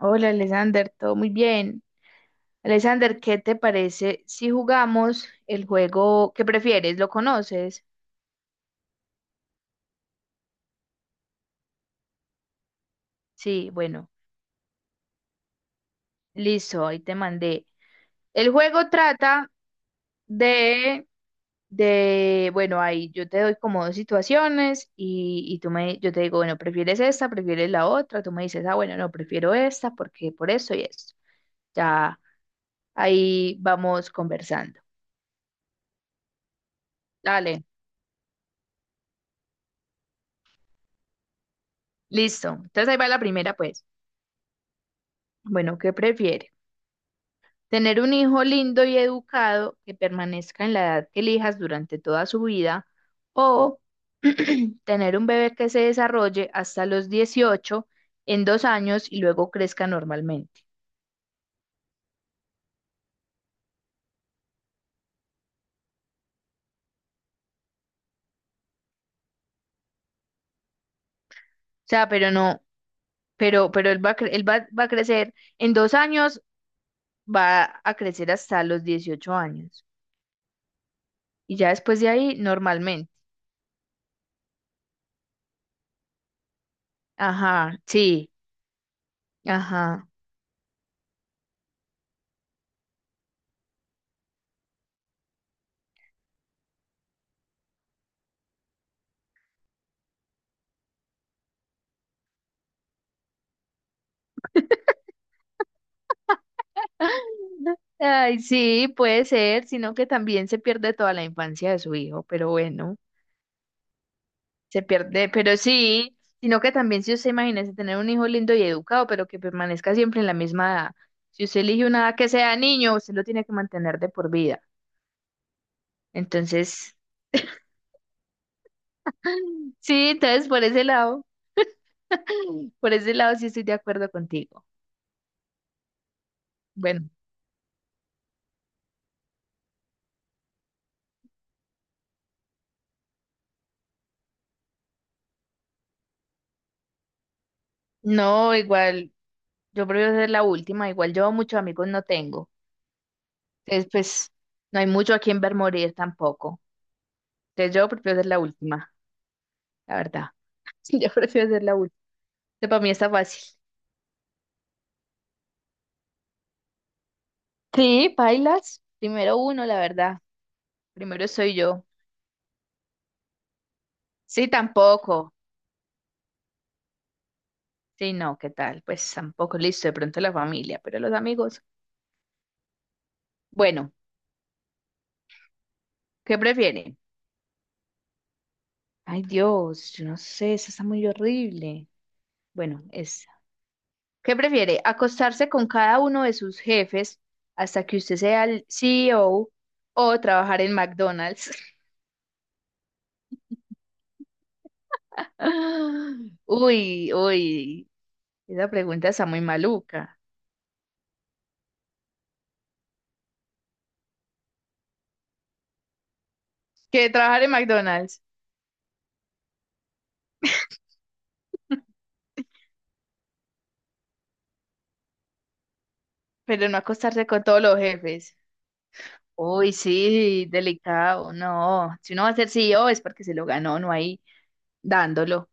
Hola, Alexander, todo muy bien. Alexander, ¿qué te parece si jugamos el juego que prefieres? ¿Lo conoces? Sí, bueno, listo, ahí te mandé. El juego trata de, bueno, ahí yo te doy como dos situaciones y yo te digo, bueno, ¿prefieres esta? ¿Prefieres la otra? Tú me dices, ah, bueno, no, prefiero esta porque por eso y esto. Ya ahí vamos conversando. Dale, listo. Entonces ahí va la primera, pues. Bueno, ¿qué prefieres? Tener un hijo lindo y educado que permanezca en la edad que elijas durante toda su vida o tener un bebé que se desarrolle hasta los 18 en 2 años y luego crezca normalmente. O sea, pero no, pero, él va a crecer en 2 años, va a crecer hasta los 18 años y ya después de ahí normalmente. Ajá, sí, ajá. Ay, sí, puede ser, sino que también se pierde toda la infancia de su hijo, pero bueno, se pierde, pero sí, sino que también si usted imagínese tener un hijo lindo y educado, pero que permanezca siempre en la misma edad. Si usted elige una edad que sea niño, usted lo tiene que mantener de por vida. Entonces, sí, entonces por ese lado, por ese lado sí estoy de acuerdo contigo. Bueno, no, igual, yo prefiero ser la última, igual yo muchos amigos no tengo. Entonces, pues, no hay mucho a quien ver morir tampoco. Ya yo prefiero ser la última, la verdad. Yo prefiero ser la última. Este para mí está fácil. Sí, bailas. Primero uno, la verdad. Primero soy yo. Sí, tampoco. Sí, no, ¿qué tal? Pues tampoco, listo, de pronto la familia, pero los amigos. Bueno, ¿qué prefieren? Ay, Dios, yo no sé, esa está muy horrible. Bueno, esa. ¿Qué prefiere? ¿Acostarse con cada uno de sus jefes hasta que usted sea el CEO o trabajar en McDonald's? Uy, uy. Esa pregunta está muy maluca. Que trabajar en McDonald's, pero no acostarse con todos los jefes. Uy, sí, delicado. No, si uno va a ser CEO es porque se lo ganó, no ahí dándolo.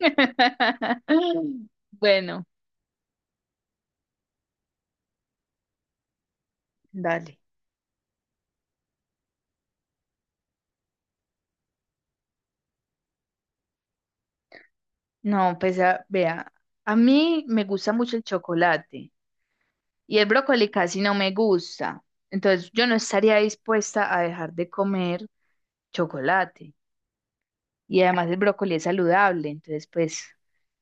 Bueno, dale. No, pues vea, a mí me gusta mucho el chocolate y el brócoli casi no me gusta. Entonces yo no estaría dispuesta a dejar de comer chocolate. Y además el brócoli es saludable, entonces pues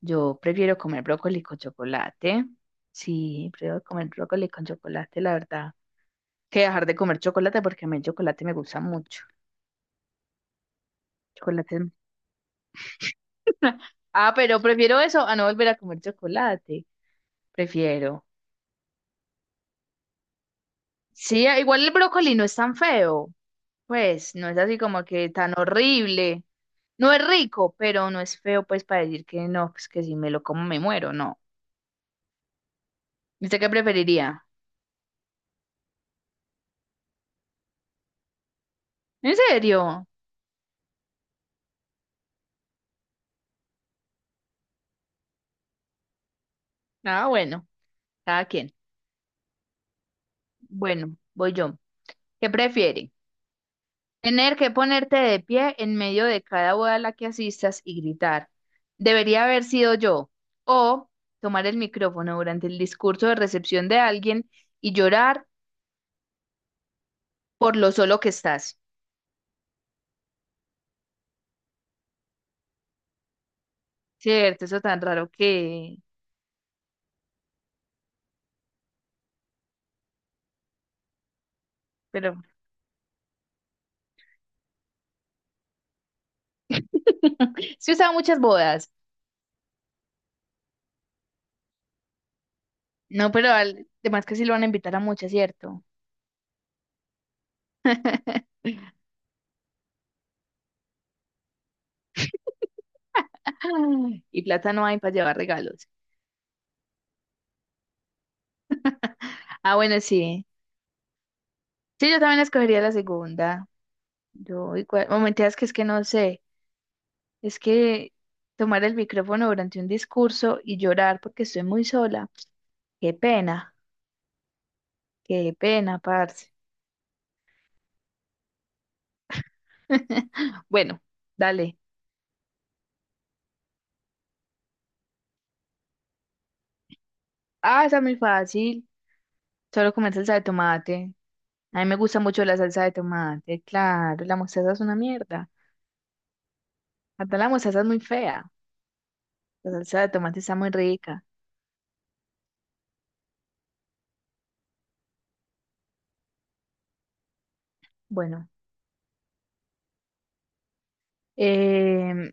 yo prefiero comer brócoli con chocolate. Sí, prefiero comer brócoli con chocolate, la verdad, que dejar de comer chocolate porque a mí el chocolate me gusta mucho. Chocolate. es- Ah, pero prefiero eso a no volver a comer chocolate. Prefiero. Sí, ah, igual el brócoli no es tan feo, pues no es así como que tan horrible. No es rico, pero no es feo pues para decir que no, pues que si me lo como me muero, no. ¿Usted qué preferiría? ¿En serio? Ah, bueno. Cada quien. Bueno, voy yo. ¿Qué prefiere? ¿Tener que ponerte de pie en medio de cada boda a la que asistas y gritar, debería haber sido yo? ¿O tomar el micrófono durante el discurso de recepción de alguien y llorar por lo solo que estás? Cierto, eso tan raro que... Pero sí usaba muchas bodas. No, pero además que sí lo van a invitar a muchas, ¿cierto? Y plata no hay para llevar regalos. Ah, bueno, sí. Sí, yo también escogería la segunda. Yo igual, o mentiras que es que no sé, es que tomar el micrófono durante un discurso y llorar porque estoy muy sola, qué pena, qué pena, parce. Bueno, dale. Ah, está muy fácil, solo comer salsa de tomate. A mí me gusta mucho la salsa de tomate, claro, la mostaza es una mierda. Hasta la mostaza es muy fea, la salsa de tomate está muy rica. Bueno. Em,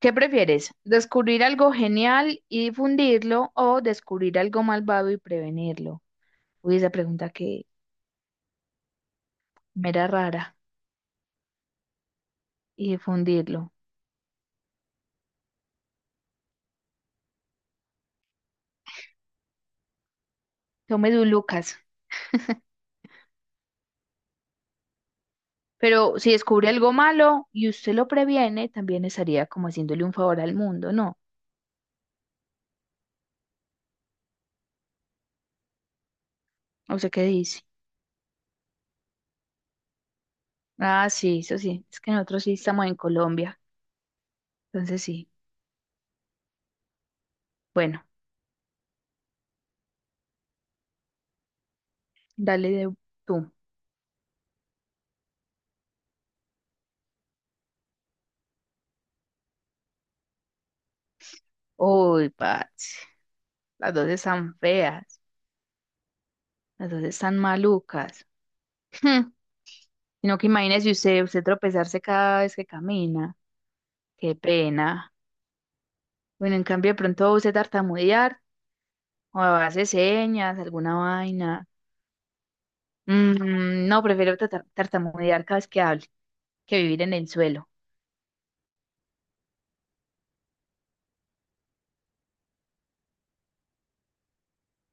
¿Qué prefieres? ¿Descubrir algo genial y difundirlo o descubrir algo malvado y prevenirlo? Uy, esa pregunta que me era rara y difundirlo. Tome de un Lucas. Pero si descubre algo malo y usted lo previene, también estaría como haciéndole un favor al mundo, ¿no? O sea, ¿qué dice? Ah, sí, eso sí. Es que nosotros sí estamos en Colombia. Entonces sí. Bueno, dale de tú. Uy, Pats. Las dos están feas. Las dos están malucas. Hmm. Sino que imagínese usted, usted tropezarse cada vez que camina. Qué pena. Bueno, en cambio, de pronto usted tartamudear o hace señas, alguna vaina. No, prefiero tartamudear cada vez que hable que vivir en el suelo.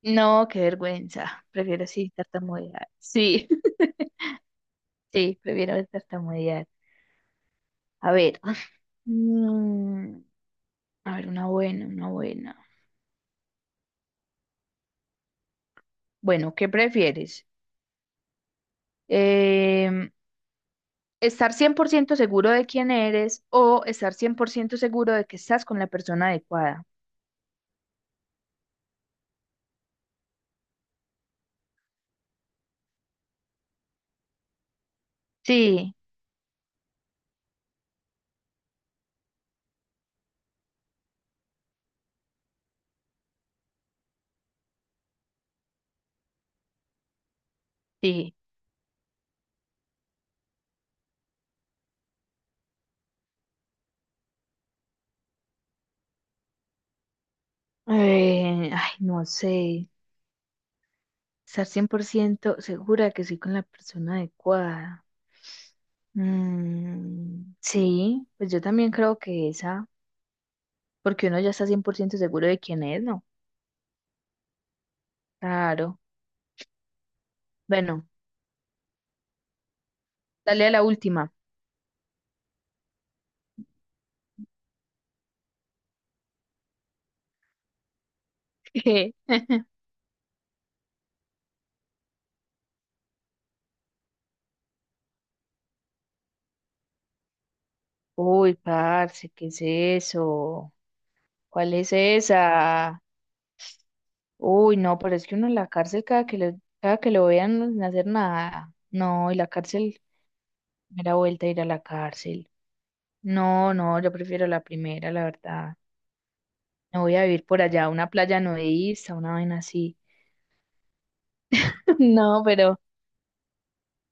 No, qué vergüenza. Prefiero sí tartamudear. Sí, sí, prefiero tartamudear. A ver. Mm, a ver, una buena, una buena. Bueno, ¿qué prefieres? Em, estar 100% seguro de quién eres o estar 100% seguro de que estás con la persona adecuada. Sí, sí. Ay, no sé. Estar 100% segura de que soy con la persona adecuada. Sí, pues yo también creo que esa, porque uno ya está 100% seguro de quién es, ¿no? Claro. Bueno, dale a la última. Uy, parce, ¿qué es eso? ¿Cuál es esa? Uy, no, pero es que uno en la cárcel cada que lo vean no sin hacer nada. No, y la cárcel, primera vuelta a ir a la cárcel. No, no, yo prefiero la primera, la verdad. Me voy a vivir por allá, una playa nudista, una vaina así. No,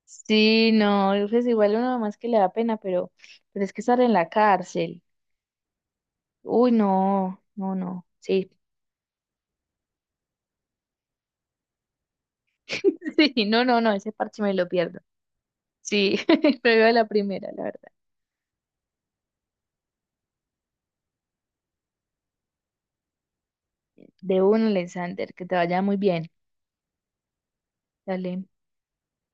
sí, no, pues igual uno más que le da pena, pero es que estar en la cárcel. Uy, no, no, no. Sí. Sí, no, no, no, ese parche me lo pierdo. Sí, prefiero la primera, la verdad. De uno, Alexander, que te vaya muy bien. Dale.